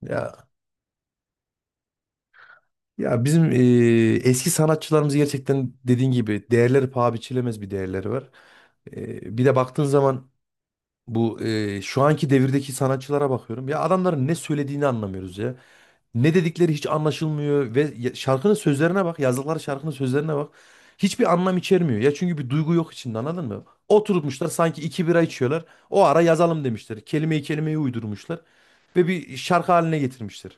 Ya ya bizim eski sanatçılarımız gerçekten dediğin gibi değerleri paha biçilemez bir değerleri var. Bir de baktığın zaman bu şu anki devirdeki sanatçılara bakıyorum. Ya adamların ne söylediğini anlamıyoruz ya. Ne dedikleri hiç anlaşılmıyor şarkının sözlerine bak, yazdıkları şarkının sözlerine bak. Hiçbir anlam içermiyor. Ya çünkü bir duygu yok içinde, anladın mı? Oturmuşlar sanki iki bira içiyorlar. O ara yazalım demişler. Kelimeyi kelimeye uydurmuşlar ve bir şarkı haline getirmişler.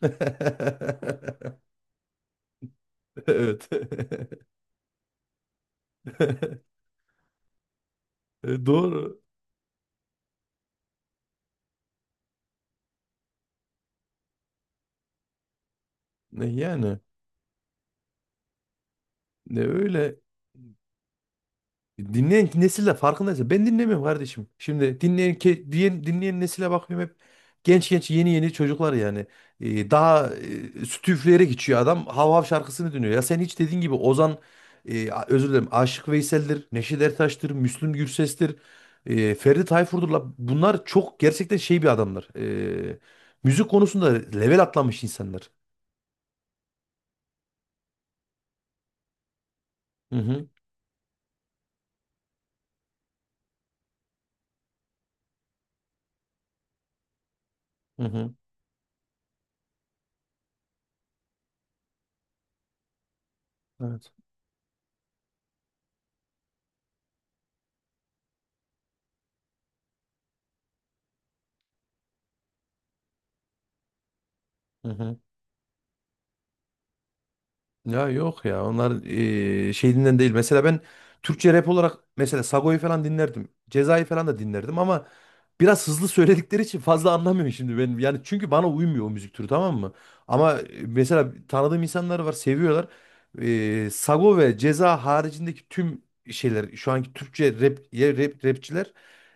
Evet. Doğru. Yani öyle dinleyen nesille farkındaysa ben dinlemiyorum kardeşim. Şimdi dinleyen ke- diyen dinleyen nesile bakıyorum, hep genç genç yeni yeni çocuklar yani. Daha sütü üfleyerek içiyor adam. Hav hav şarkısını dinliyor. Ya sen hiç dediğin gibi özür dilerim, Aşık Veysel'dir, Neşet Ertaş'tır, Müslüm Gürses'tir, Ferdi Tayfur'dur. La. Bunlar çok gerçekten şey bir adamlar. E, Müzik konusunda level atlamış insanlar. Hı hı. Hı hı. Evet. Hı hı. Ya yok ya, onlar şeyinden değil. Mesela ben Türkçe rap olarak mesela Sago'yu falan dinlerdim. Ceza'yı falan da dinlerdim ama biraz hızlı söyledikleri için fazla anlamıyorum şimdi ben. Yani çünkü bana uymuyor o müzik türü, tamam mı? Ama mesela tanıdığım insanlar var, seviyorlar. Sago ve Ceza haricindeki tüm şeyler, şu anki Türkçe rap, rapçiler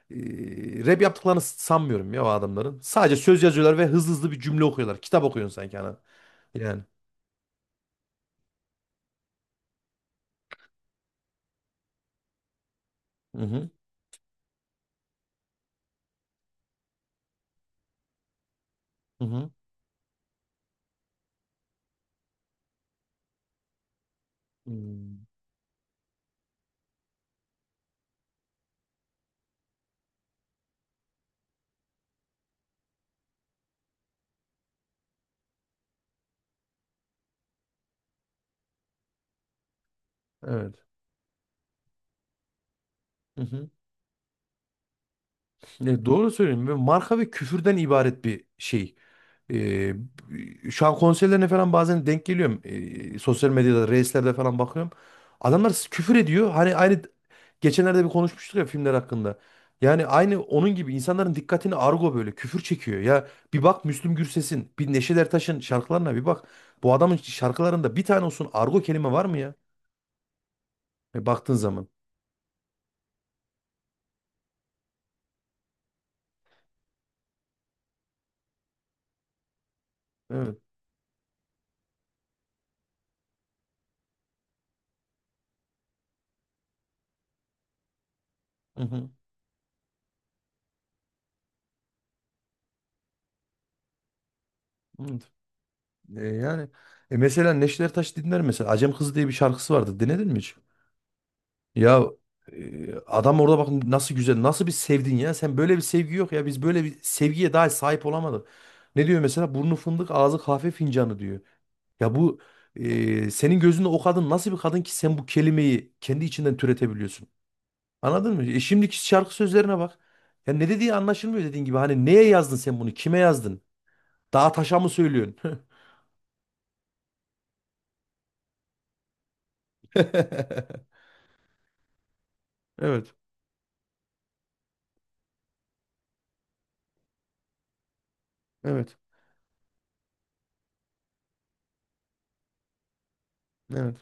rap yaptıklarını sanmıyorum ya o adamların. Sadece söz yazıyorlar ve hızlı hızlı bir cümle okuyorlar. Kitap okuyorsun sanki ana. Yani. Hı hı. Hmm, Evet. Hı hı. Ya doğru söylüyorum. Ve marka ve küfürden ibaret bir şey. Ee, Şu an konserlerine falan bazen denk geliyorum. Sosyal medyada, reislerde falan bakıyorum. Adamlar küfür ediyor. Hani aynı geçenlerde bir konuşmuştuk ya filmler hakkında. Yani aynı onun gibi insanların dikkatini argo, böyle küfür çekiyor. Ya bir bak Müslüm Gürses'in, bir Neşet Ertaş'ın şarkılarına bir bak. Bu adamın şarkılarında bir tane olsun argo kelime var mı ya? Baktığın zaman. Evet. Hı hı. Evet. Yani mesela Neşet Ertaş dinler mesela. Acem Kızı diye bir şarkısı vardı. Dinledin mi hiç? Ya adam orada bakın nasıl güzel, nasıl bir sevdin ya. Sen böyle bir sevgi yok ya. Biz böyle bir sevgiye daha sahip olamadık. Ne diyor mesela? Burnu fındık, ağzı kahve fincanı diyor. Ya bu senin gözünde o kadın nasıl bir kadın ki sen bu kelimeyi kendi içinden türetebiliyorsun? Anladın mı? Şimdiki şarkı sözlerine bak. Ya ne dediği anlaşılmıyor dediğin gibi. Hani neye yazdın sen bunu? Kime yazdın? Dağa taşa mı söylüyorsun? Evet, evet. Evet.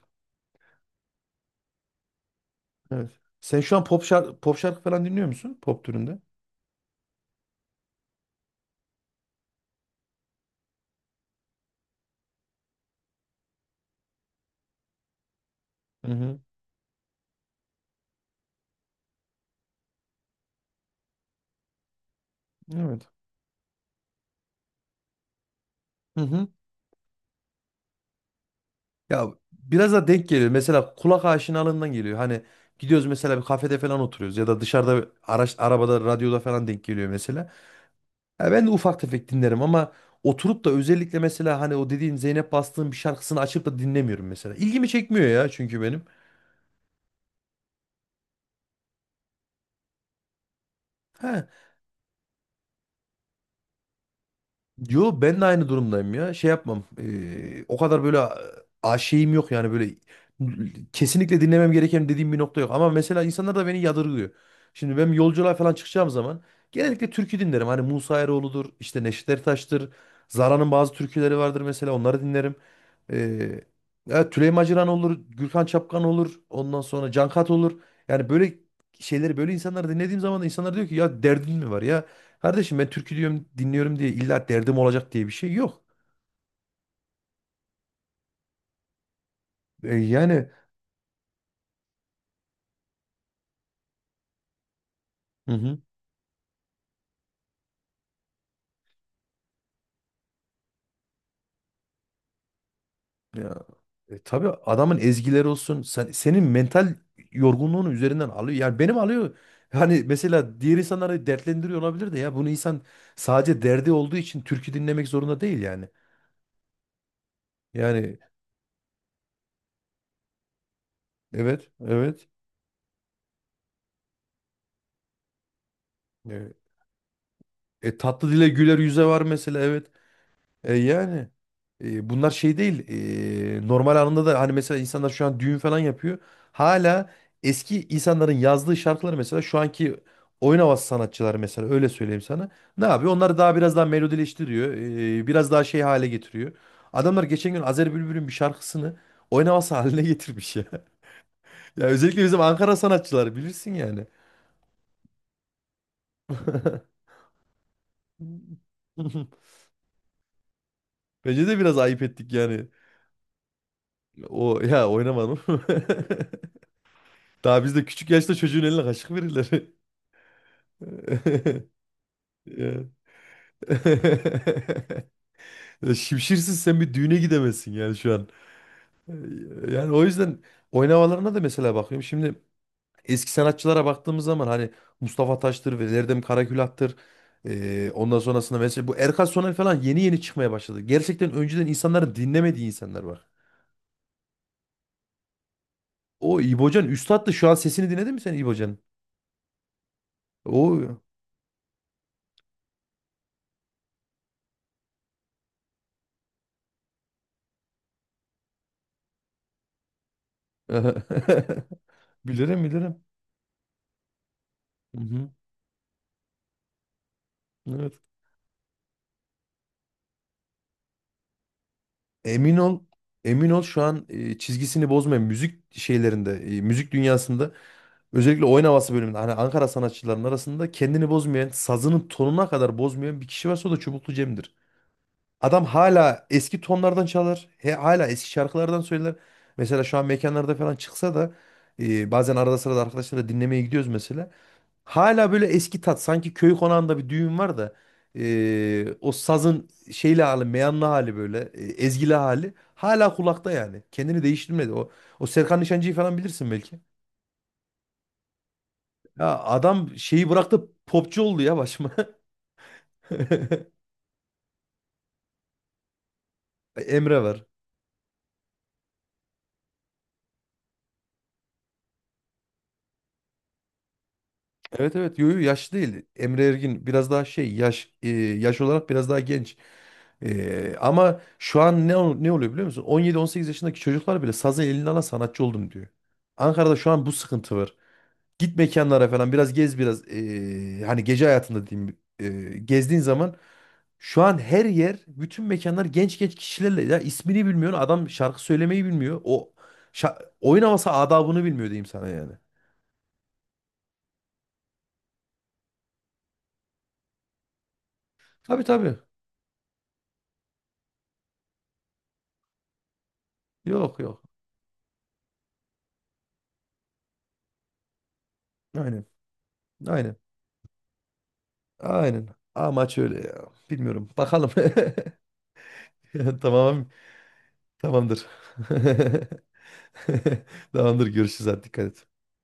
Evet. Sen şu an pop şarkı, pop şarkı falan dinliyor musun? Pop türünde. Hı hı. Evet. Hı hı. Ya biraz da denk geliyor. Mesela kulak aşinalığından geliyor. Hani gidiyoruz mesela bir kafede falan oturuyoruz ya da dışarıda arabada radyoda falan denk geliyor mesela. Ya ben de ufak tefek dinlerim ama oturup da özellikle mesela hani o dediğin Zeynep Bastık'ın bir şarkısını açıp da dinlemiyorum mesela. İlgimi çekmiyor ya çünkü benim. He. Yo, ben de aynı durumdayım ya. Şey yapmam. O kadar böyle şeyim yok yani, böyle kesinlikle dinlemem gereken dediğim bir nokta yok. Ama mesela insanlar da beni yadırgıyor. Şimdi ben yolculuğa falan çıkacağım zaman genellikle türkü dinlerim. Hani Musa Eroğlu'dur, işte Neşet Ertaş'tır. Zara'nın bazı türküleri vardır mesela, onları dinlerim. Eee evet, Tüleyman Ceylan olur, Gürkan Çapkan olur, ondan sonra Cankat olur. Yani böyle şeyleri, böyle insanları dinlediğim zaman da insanlar diyor ki ya derdin mi var ya? Kardeşim ben türkü diyorum, dinliyorum diye illa derdim olacak diye bir şey yok. Yani. Hı hı. ya, tabii adamın ezgileri olsun senin mental yorgunluğunu üzerinden alıyor. Yani benim alıyor. Hani mesela diğer insanları dertlendiriyor olabilir de ya bunu insan sadece derdi olduğu için türkü dinlemek zorunda değil yani. Yani evet, evet. E, Tatlı dile güler yüze var mesela, evet. E, yani. Bunlar şey değil. Normal anında da hani mesela insanlar şu an düğün falan yapıyor. Hala eski insanların yazdığı şarkıları mesela şu anki oyun havası sanatçıları, mesela öyle söyleyeyim sana. Ne yapıyor? Onları daha biraz daha melodileştiriyor. Biraz daha şey hale getiriyor. Adamlar geçen gün Azer Bülbül'ün bir şarkısını oyun havası haline getirmiş ya. Ya özellikle bizim Ankara sanatçıları bilirsin yani. Bence de biraz ayıp ettik yani. O ya, oynamadım. Daha bizde küçük yaşta çocuğun eline kaşık verirler. Ya. Ya Şimşirsiz sen bir düğüne gidemezsin yani şu an. Yani o yüzden oynamalarına da mesela bakıyorum. Şimdi eski sanatçılara baktığımız zaman hani Mustafa Taş'tır ve Erdem Karakülat'tır. Ondan sonrasında mesela bu Erkan Soner falan yeni yeni çıkmaya başladı. Gerçekten önceden insanların dinlemediği insanlar var. O İbocan üstattı. Şu an sesini dinledin mi sen İbocan'ın? O bilirim, bilirim. Hı hı. Evet. Emin ol, emin ol, şu an çizgisini bozmayan müzik dünyasında, özellikle oyun havası bölümünde, hani Ankara sanatçıların arasında kendini bozmayan, sazının tonuna kadar bozmayan bir kişi varsa o da Çubuklu Cem'dir. Adam hala eski tonlardan çalar, he, hala eski şarkılardan söyler. Mesela şu an mekanlarda falan çıksa da bazen arada sırada arkadaşlarla dinlemeye gidiyoruz mesela. Hala böyle eski tat, sanki köy konağında bir düğün var da o sazın şeyli hali, meyanlı hali, böyle ezgili hali hala kulakta yani, kendini değiştirmedi o. Serkan Nişancı'yı falan bilirsin belki. Ya adam şeyi bıraktı, popçu oldu ya başıma. Emre var. Evet evet, yo yo, yaşlı değil. Emre Ergin biraz daha şey yaş, yaş olarak biraz daha genç. Ama şu an ne oluyor biliyor musun? 17 18 yaşındaki çocuklar bile sazı eline alan sanatçı oldum diyor. Ankara'da şu an bu sıkıntı var. Git mekanlara falan biraz gez, biraz hani gece hayatında diyeyim, gezdiğin zaman şu an her yer, bütün mekanlar genç genç kişilerle, ya ismini bilmiyor adam, şarkı söylemeyi bilmiyor. Oyun havası adabını bilmiyor diyeyim sana yani. Tabii tabii. Yok yok. Aynen. Aynen. Aynen. Amaç öyle ya. Bilmiyorum. Bakalım. Tamam. Tamamdır. Tamamdır. Görüşürüz. Hadi dikkat et.